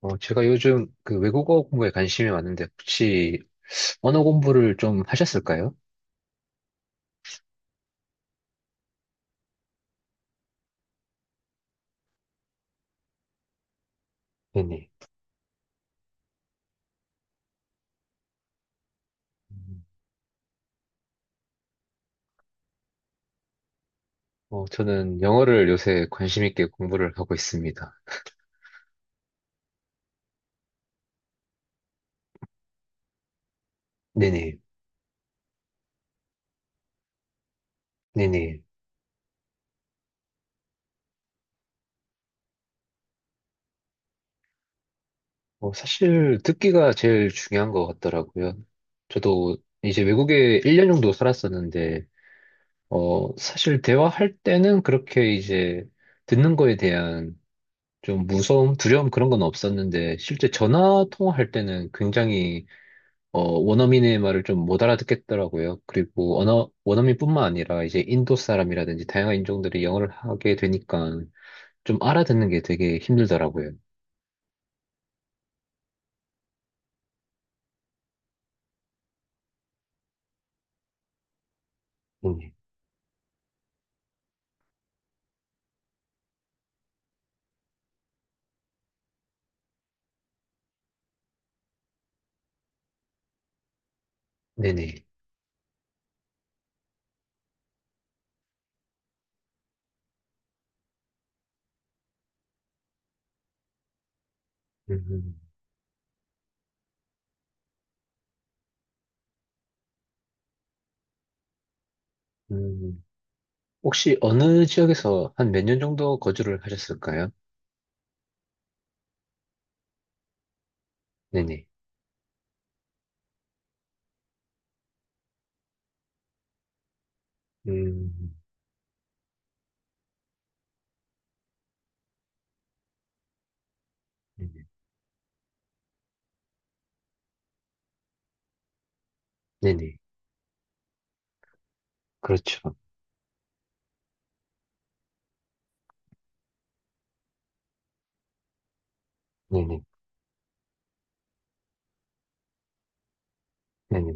제가 요즘 그 외국어 공부에 관심이 많은데 혹시 언어 공부를 좀 하셨을까요? 네네. 음. 저는 영어를 요새 관심 있게 공부를 하고 있습니다. 네네. 네네. 사실 듣기가 제일 중요한 것 같더라고요. 저도 이제 외국에 1년 정도 살았었는데, 사실 대화할 때는 그렇게 이제 듣는 거에 대한 좀 무서움, 두려움 그런 건 없었는데, 실제 전화 통화할 때는 굉장히 원어민의 말을 좀 못 알아듣겠더라고요. 그리고 언어, 원어민뿐만 아니라 이제 인도 사람이라든지 다양한 인종들이 영어를 하게 되니까 좀 알아듣는 게 되게 힘들더라고요. 네네. 네네. 음, 음. 혹시 어느 지역에서 한 몇 년 정도 거주를 하셨을까요? 네네. 음, 네네. 네네. 그렇죠. 네네. 네네.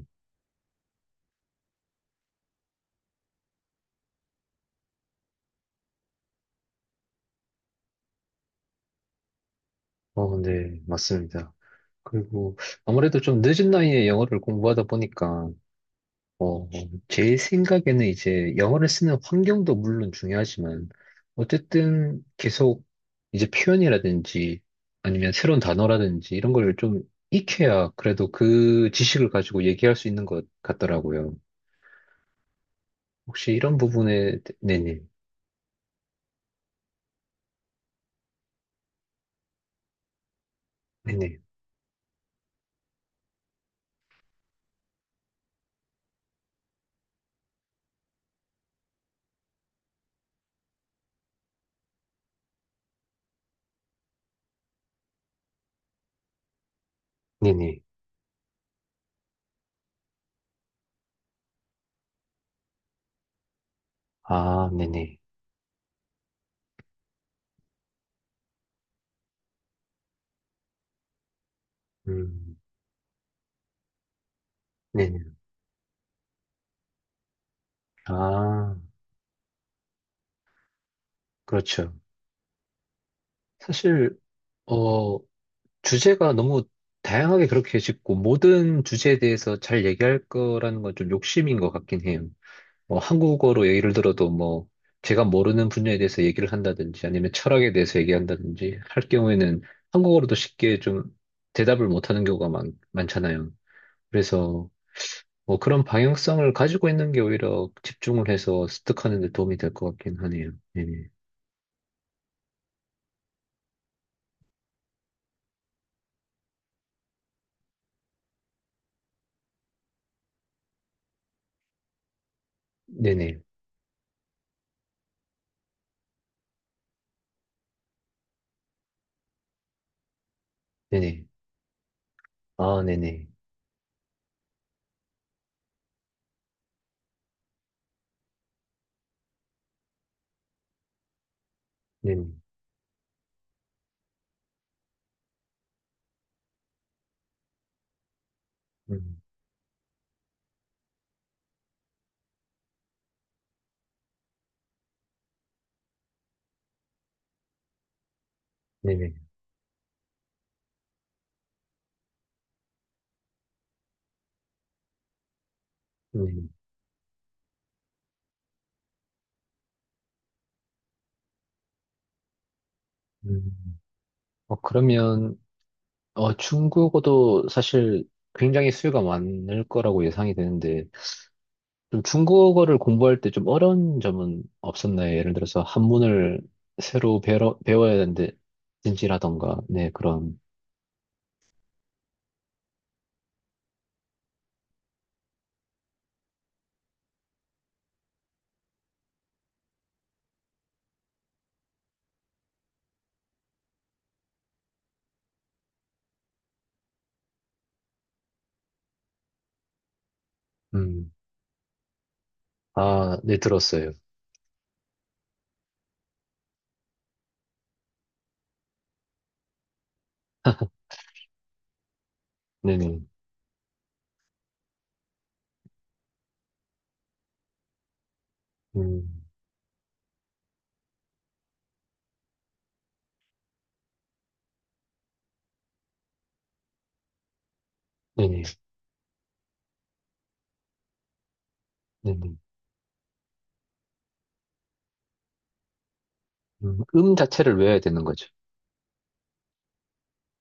어, 네. 맞습니다. 그리고 아무래도 좀 늦은 나이에 영어를 공부하다 보니까 어, 제 생각에는 이제 영어를 쓰는 환경도 물론 중요하지만, 어쨌든 계속 이제 표현이라든지 아니면 새로운 단어라든지 이런 걸 좀 익혀야 그래도 그 지식을 가지고 얘기할 수 있는 것 같더라고요. 혹시 이런 부분에, 네네, 네네, 네네, 아, 네네, 음, 네네, 아, 그렇죠. 사실, 어, 주제가 너무 다양하게 그렇게 짓고 모든 주제에 대해서 잘 얘기할 거라는 건 좀 욕심인 것 같긴 해요. 뭐 한국어로 예를 들어도 뭐 제가 모르는 분야에 대해서 얘기를 한다든지 아니면 철학에 대해서 얘기한다든지 할 경우에는 한국어로도 쉽게 좀 대답을 못하는 경우가 많잖아요. 그래서 뭐 그런 방향성을 가지고 있는 게 오히려 집중을 해서 습득하는 데 도움이 될 것 같긴 하네요. 네네. 네네. 네네. 아, 네네. 네네. 음, 네네. 네네. 음. 그러면, 중국어도 사실 굉장히 수요가 많을 거라고 예상이 되는데, 좀 중국어를 공부할 때 좀 어려운 점은 없었나요? 예를 들어서 한문을 새로 배워야 되는데, 진지라던가, 네, 그런, 음, 아, 네, 들었어요. 네네, 음, 네네, 네네, 자체를 외워야 되는 거죠.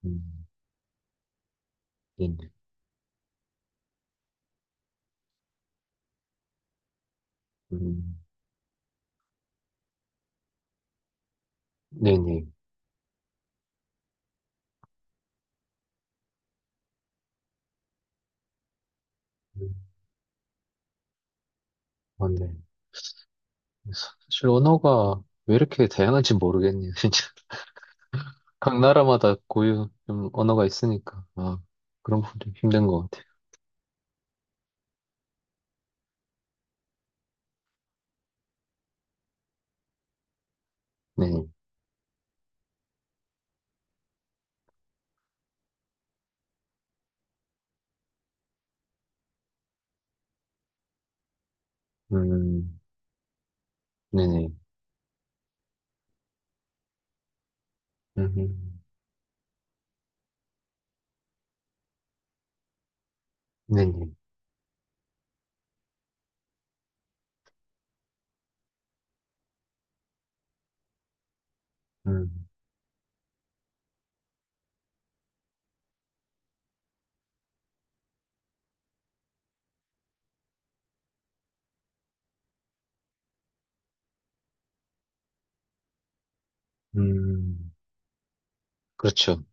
음, 네네, 음, 네네, 음, 어, 네. 사실 언어가 왜 이렇게 다양한지 모르겠네요, 진짜. 각 나라마다 고유 좀 언어가 있으니까 아 그런 부분이 좀 힘든 것 같아요. 네, 음, 네네, 음, 네네, 음, 음, 그렇죠.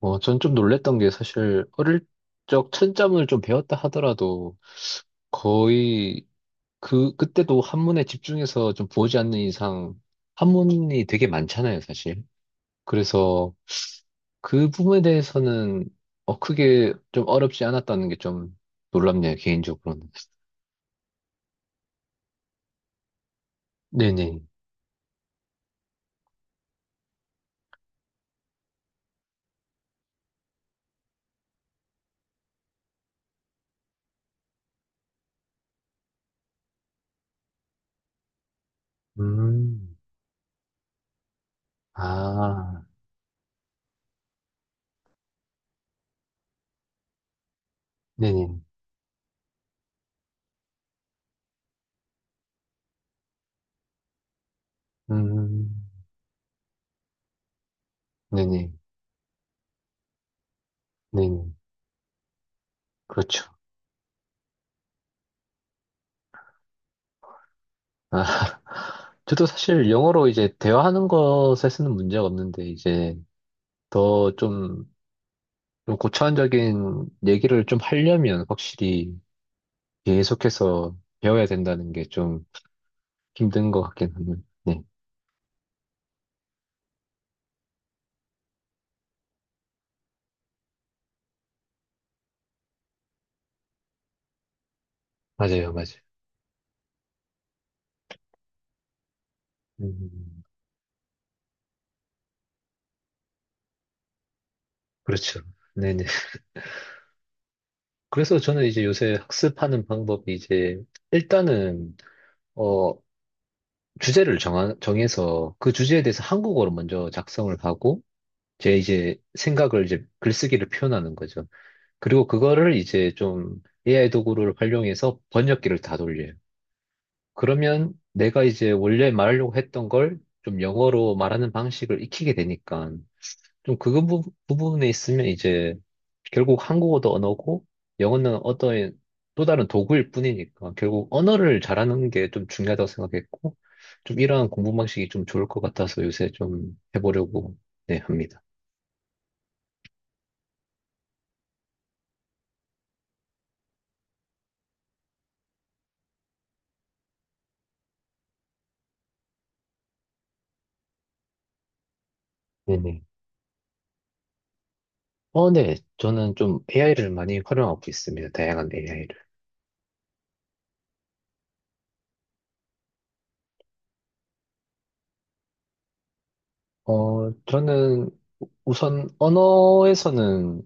전 좀 놀랬던 게 사실 어릴 적 천점을 좀 배웠다 하더라도 거의 그때도 한문에 집중해서 좀 보지 않는 이상 한문이 되게 많잖아요, 사실. 그래서 그 부분에 대해서는 크게 좀 어렵지 않았다는 게 좀 놀랍네요, 개인적으로는. 네네. 음, 아, 네네. 음, 네네. 네네. 그렇죠. 아, 저도 사실 영어로 이제 대화하는 것에 쓰는 문제가 없는데, 이제 더 좀, 좀 고차원적인 얘기를 좀 하려면 확실히 계속해서 배워야 된다는 게 좀 힘든 것 같긴 하네요. 네. 맞아요, 맞아요. 음, 그렇죠. 네네. 그래서 저는 이제 요새 학습하는 방법이 이제 일단은, 어... 주제를 정해서 그 주제에 대해서 한국어로 먼저 작성을 하고 제 이제 생각을 이제 글쓰기를 표현하는 거죠. 그리고 그거를 이제 좀 AI 도구를 활용해서 번역기를 다 돌려요. 그러면 내가 이제 원래 말하려고 했던 걸 좀 영어로 말하는 방식을 익히게 되니까 좀 그거 부분에 있으면 이제 결국 한국어도 언어고 영어는 어떤 또 다른 도구일 뿐이니까 결국 언어를 잘하는 게 좀 중요하다고 생각했고 좀 이러한 공부 방식이 좀 좋을 것 같아서 요새 좀 해보려고 네, 합니다. 네네. 네. 저는 좀 AI를 많이 활용하고 있습니다. 다양한 AI를. 저는 우선 언어에서는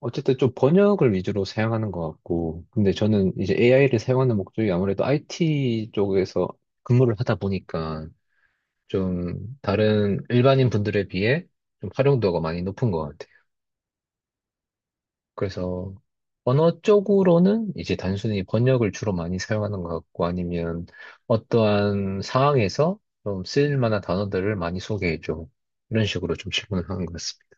어쨌든 좀 번역을 위주로 사용하는 것 같고, 근데 저는 이제 AI를 사용하는 목적이 아무래도 IT 쪽에서 근무를 하다 보니까 좀 다른 일반인 분들에 비해 좀 활용도가 많이 높은 것 같아요. 그래서 언어 쪽으로는 이제 단순히 번역을 주로 많이 사용하는 것 같고, 아니면 어떠한 상황에서 좀 쓰일 만한 단어들을 많이 소개해줘. 이런 식으로 좀 질문을 하는 것 같습니다.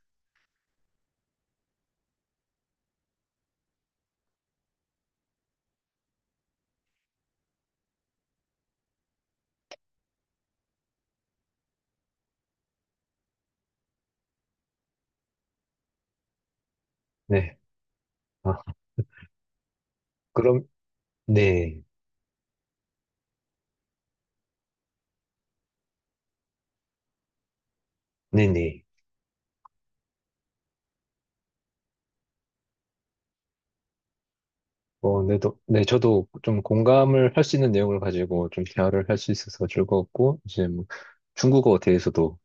네. 아, 그럼, 네. 네네. 어, 네, 네, 저도 좀 공감을 할 수 있는 내용을 가지고 좀 대화를 할 수 있어서 즐거웠고, 이제 뭐 중국어 대해서도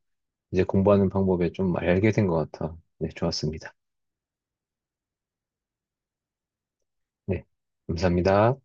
이제 공부하는 방법에 좀 알게 된 것 같아. 네, 좋았습니다. 네, 감사합니다.